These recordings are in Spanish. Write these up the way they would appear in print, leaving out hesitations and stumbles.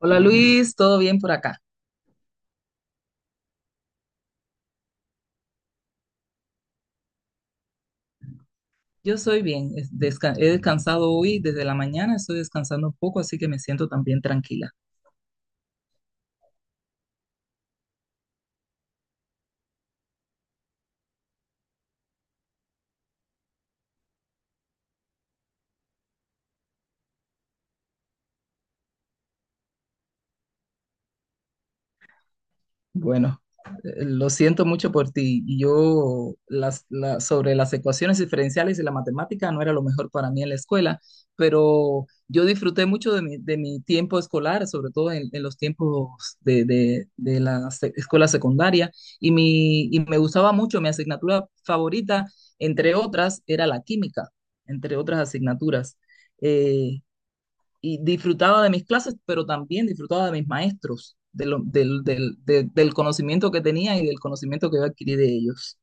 Hola Luis, ¿todo bien por acá? Yo soy bien, he descansado hoy desde la mañana, estoy descansando un poco, así que me siento también tranquila. Bueno, lo siento mucho por ti. Y sobre las ecuaciones diferenciales y la matemática no era lo mejor para mí en la escuela, pero yo disfruté mucho de mi tiempo escolar, sobre todo en los tiempos de la escuela secundaria, y me gustaba mucho. Mi asignatura favorita, entre otras, era la química, entre otras asignaturas. Eh, y disfrutaba de mis clases, pero también disfrutaba de mis maestros, de lo- del, del- de- del conocimiento que tenía y del conocimiento que yo adquirí de ellos.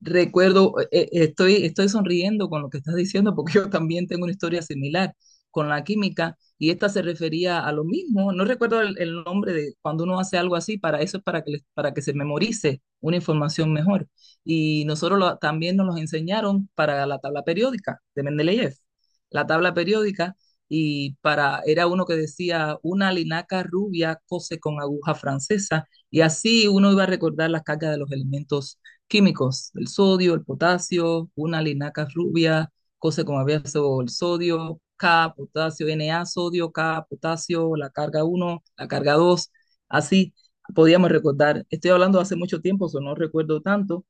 Recuerdo, estoy sonriendo con lo que estás diciendo porque yo también tengo una historia similar con la química y esta se refería a lo mismo. No recuerdo el nombre de cuando uno hace algo así, para eso es para que se memorice una información mejor. Y nosotros también nos los enseñaron para la tabla periódica de Mendeleev, la tabla periódica, y para, era uno que decía una linaca rubia cose con aguja francesa, y así uno iba a recordar las cargas de los elementos químicos, el sodio, el potasio, una linaca rubia, cosas como abierto el sodio, K, potasio, Na, sodio, K, potasio, la carga uno, la carga 2, así podíamos recordar. Estoy hablando hace mucho tiempo, eso no recuerdo tanto,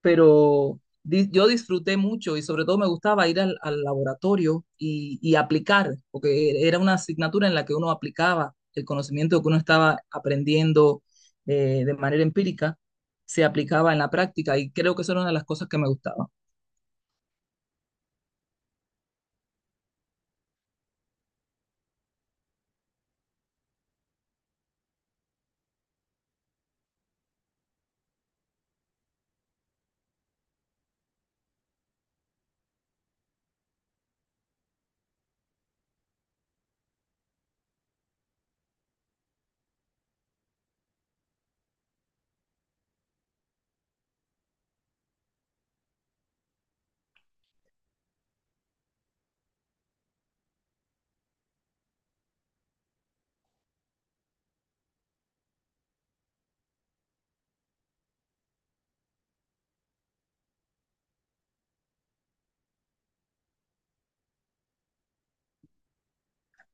pero yo disfruté mucho y sobre todo me gustaba ir al laboratorio y aplicar, porque era una asignatura en la que uno aplicaba el conocimiento que uno estaba aprendiendo de manera empírica se aplicaba en la práctica y creo que eso era una de las cosas que me gustaba.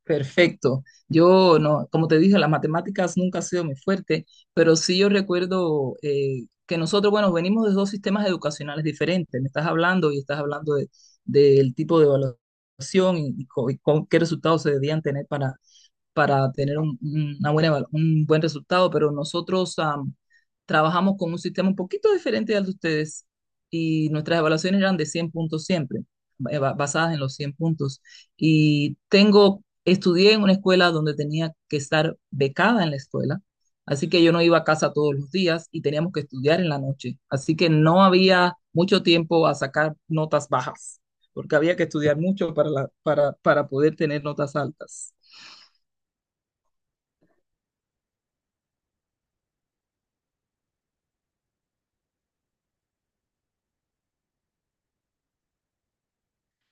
Perfecto. Yo no, como te dije, las matemáticas nunca ha sido mi fuerte, pero sí yo recuerdo que nosotros, bueno, venimos de dos sistemas educacionales diferentes. Me estás hablando y estás hablando del tipo de evaluación y con qué resultados se debían tener para tener un buen resultado, pero nosotros trabajamos con un sistema un poquito diferente al de ustedes y nuestras evaluaciones eran de 100 puntos siempre, basadas en los 100 puntos. Y estudié en una escuela donde tenía que estar becada en la escuela, así que yo no iba a casa todos los días y teníamos que estudiar en la noche, así que no había mucho tiempo a sacar notas bajas, porque había que estudiar mucho para poder tener notas altas.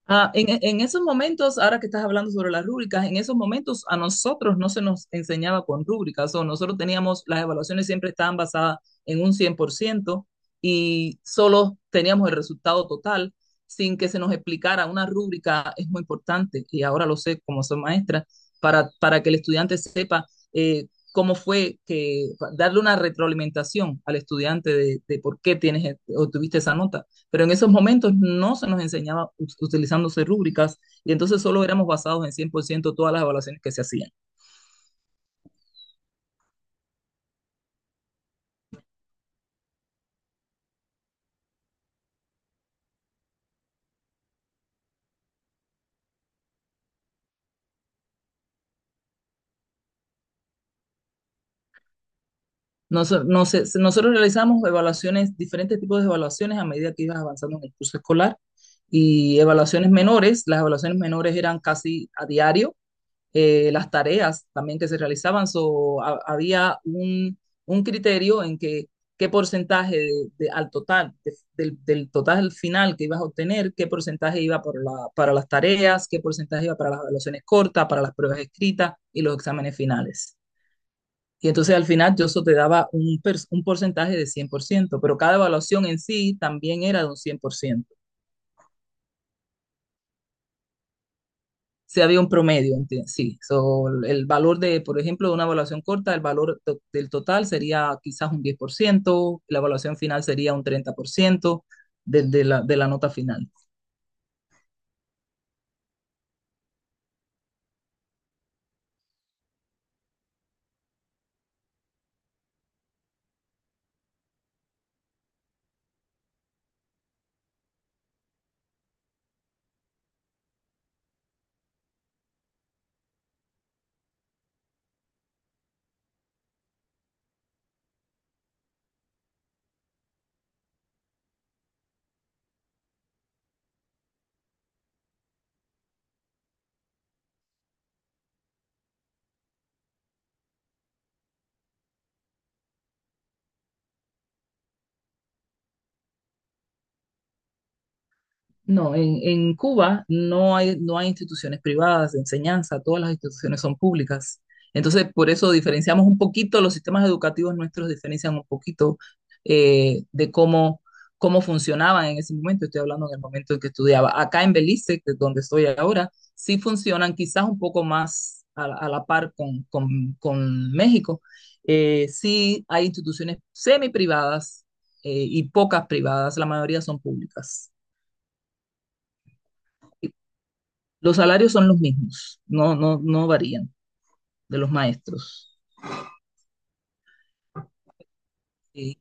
Ah, en esos momentos, ahora que estás hablando sobre las rúbricas, en esos momentos a nosotros no se nos enseñaba con rúbricas, o nosotros teníamos, las evaluaciones siempre estaban basadas en un 100% y solo teníamos el resultado total sin que se nos explicara. Una rúbrica es muy importante y ahora lo sé como soy maestra, para que el estudiante sepa eh, cómo fue que, darle una retroalimentación al estudiante de obtuviste esa nota. Pero en esos momentos no se nos enseñaba utilizándose rúbricas y entonces solo éramos basados en 100% todas las evaluaciones que se hacían. Nosotros realizamos evaluaciones, diferentes tipos de evaluaciones a medida que ibas avanzando en el curso escolar y evaluaciones menores. Las evaluaciones menores eran casi a diario las tareas también que se realizaban. So, había un criterio en que qué porcentaje de- al total, de- del, del total final que ibas a obtener, qué porcentaje iba para las tareas, qué porcentaje iba para las evaluaciones cortas, para las pruebas escritas y los exámenes finales. Y entonces al final yo eso te daba un porcentaje de 100% pero cada evaluación en sí también era de un 100% si había un promedio, sí. So, el valor de, por ejemplo, de una evaluación corta, el valor del total sería quizás un 10%, la evaluación final sería un 30% de la nota final. No, en Cuba no hay instituciones privadas de enseñanza, todas las instituciones son públicas. Entonces, por eso diferenciamos un poquito, los sistemas educativos nuestros diferencian un poquito de cómo funcionaban en ese momento. Estoy hablando en el momento en que estudiaba. Acá en Belice, que es donde estoy ahora, sí funcionan quizás un poco más a la par con México. Sí hay instituciones semi privadas y pocas privadas, la mayoría son públicas. Los salarios son los mismos, no varían de los maestros. Eh,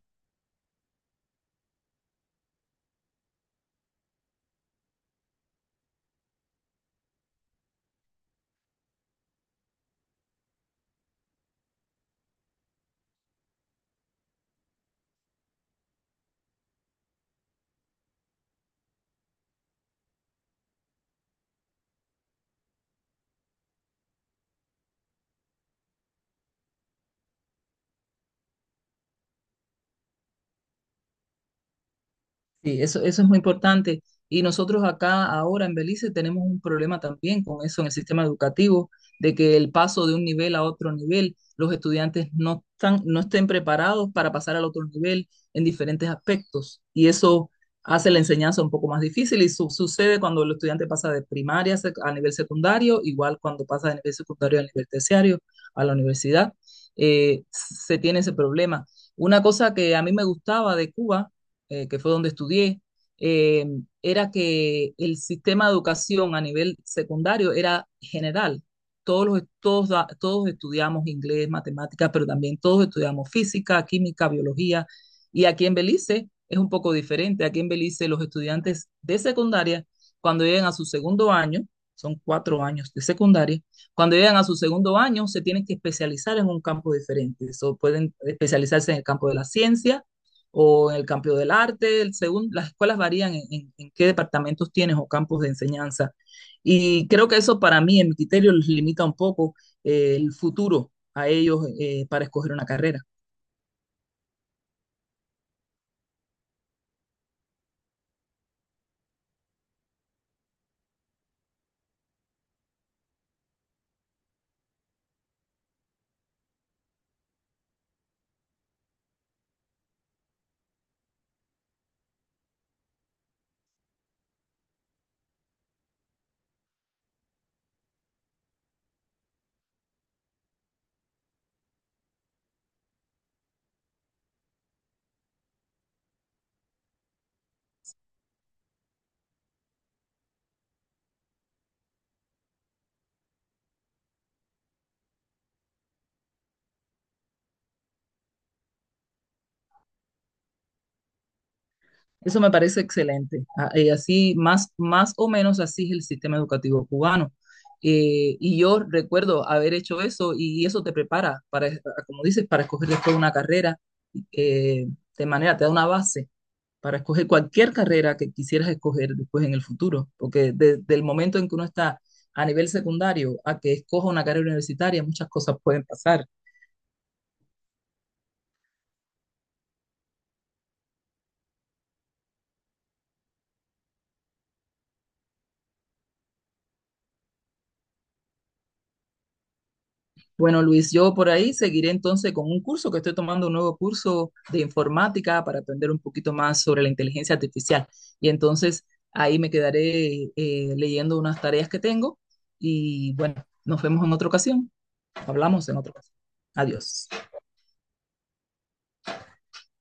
Sí, eso es muy importante. Y nosotros acá ahora en Belice tenemos un problema también con eso en el sistema educativo, de que el paso de un nivel a otro nivel, los estudiantes no estén preparados para pasar al otro nivel en diferentes aspectos. Y eso hace la enseñanza un poco más difícil y sucede cuando el estudiante pasa de primaria a nivel secundario, igual cuando pasa de nivel secundario al nivel terciario, a la universidad, se tiene ese problema. Una cosa que a mí me gustaba de Cuba que fue donde estudié, eh, era que el sistema de educación a nivel secundario era general. Todos, los, todos, da- Todos estudiamos inglés, matemáticas, pero también todos estudiamos física, química, biología. Y aquí en Belice es un poco diferente. Aquí en Belice los estudiantes de secundaria, cuando llegan a su segundo año, son 4 años de secundaria, cuando llegan a su segundo año se tienen que especializar en un campo diferente. So, pueden especializarse en el campo de la ciencia, o en el campo del arte, las escuelas varían en qué departamentos tienes o campos de enseñanza. Y creo que eso para mí, en mi criterio, les limita un poco el futuro a ellos para escoger una carrera. Eso me parece excelente. Así, más o menos así es el sistema educativo cubano. Y yo recuerdo haber hecho eso y eso te prepara para, como dices, para escoger después una carrera eh, te da una base para escoger cualquier carrera que quisieras escoger después en el futuro, porque desde el momento en que uno está a nivel secundario a que escoja una carrera universitaria, muchas cosas pueden pasar. Bueno, Luis, yo por ahí seguiré entonces con un curso que estoy tomando, un nuevo curso de informática para aprender un poquito más sobre la inteligencia artificial. Y entonces ahí me quedaré leyendo unas tareas que tengo y bueno, nos vemos en otra ocasión. Hablamos en otra ocasión. Adiós.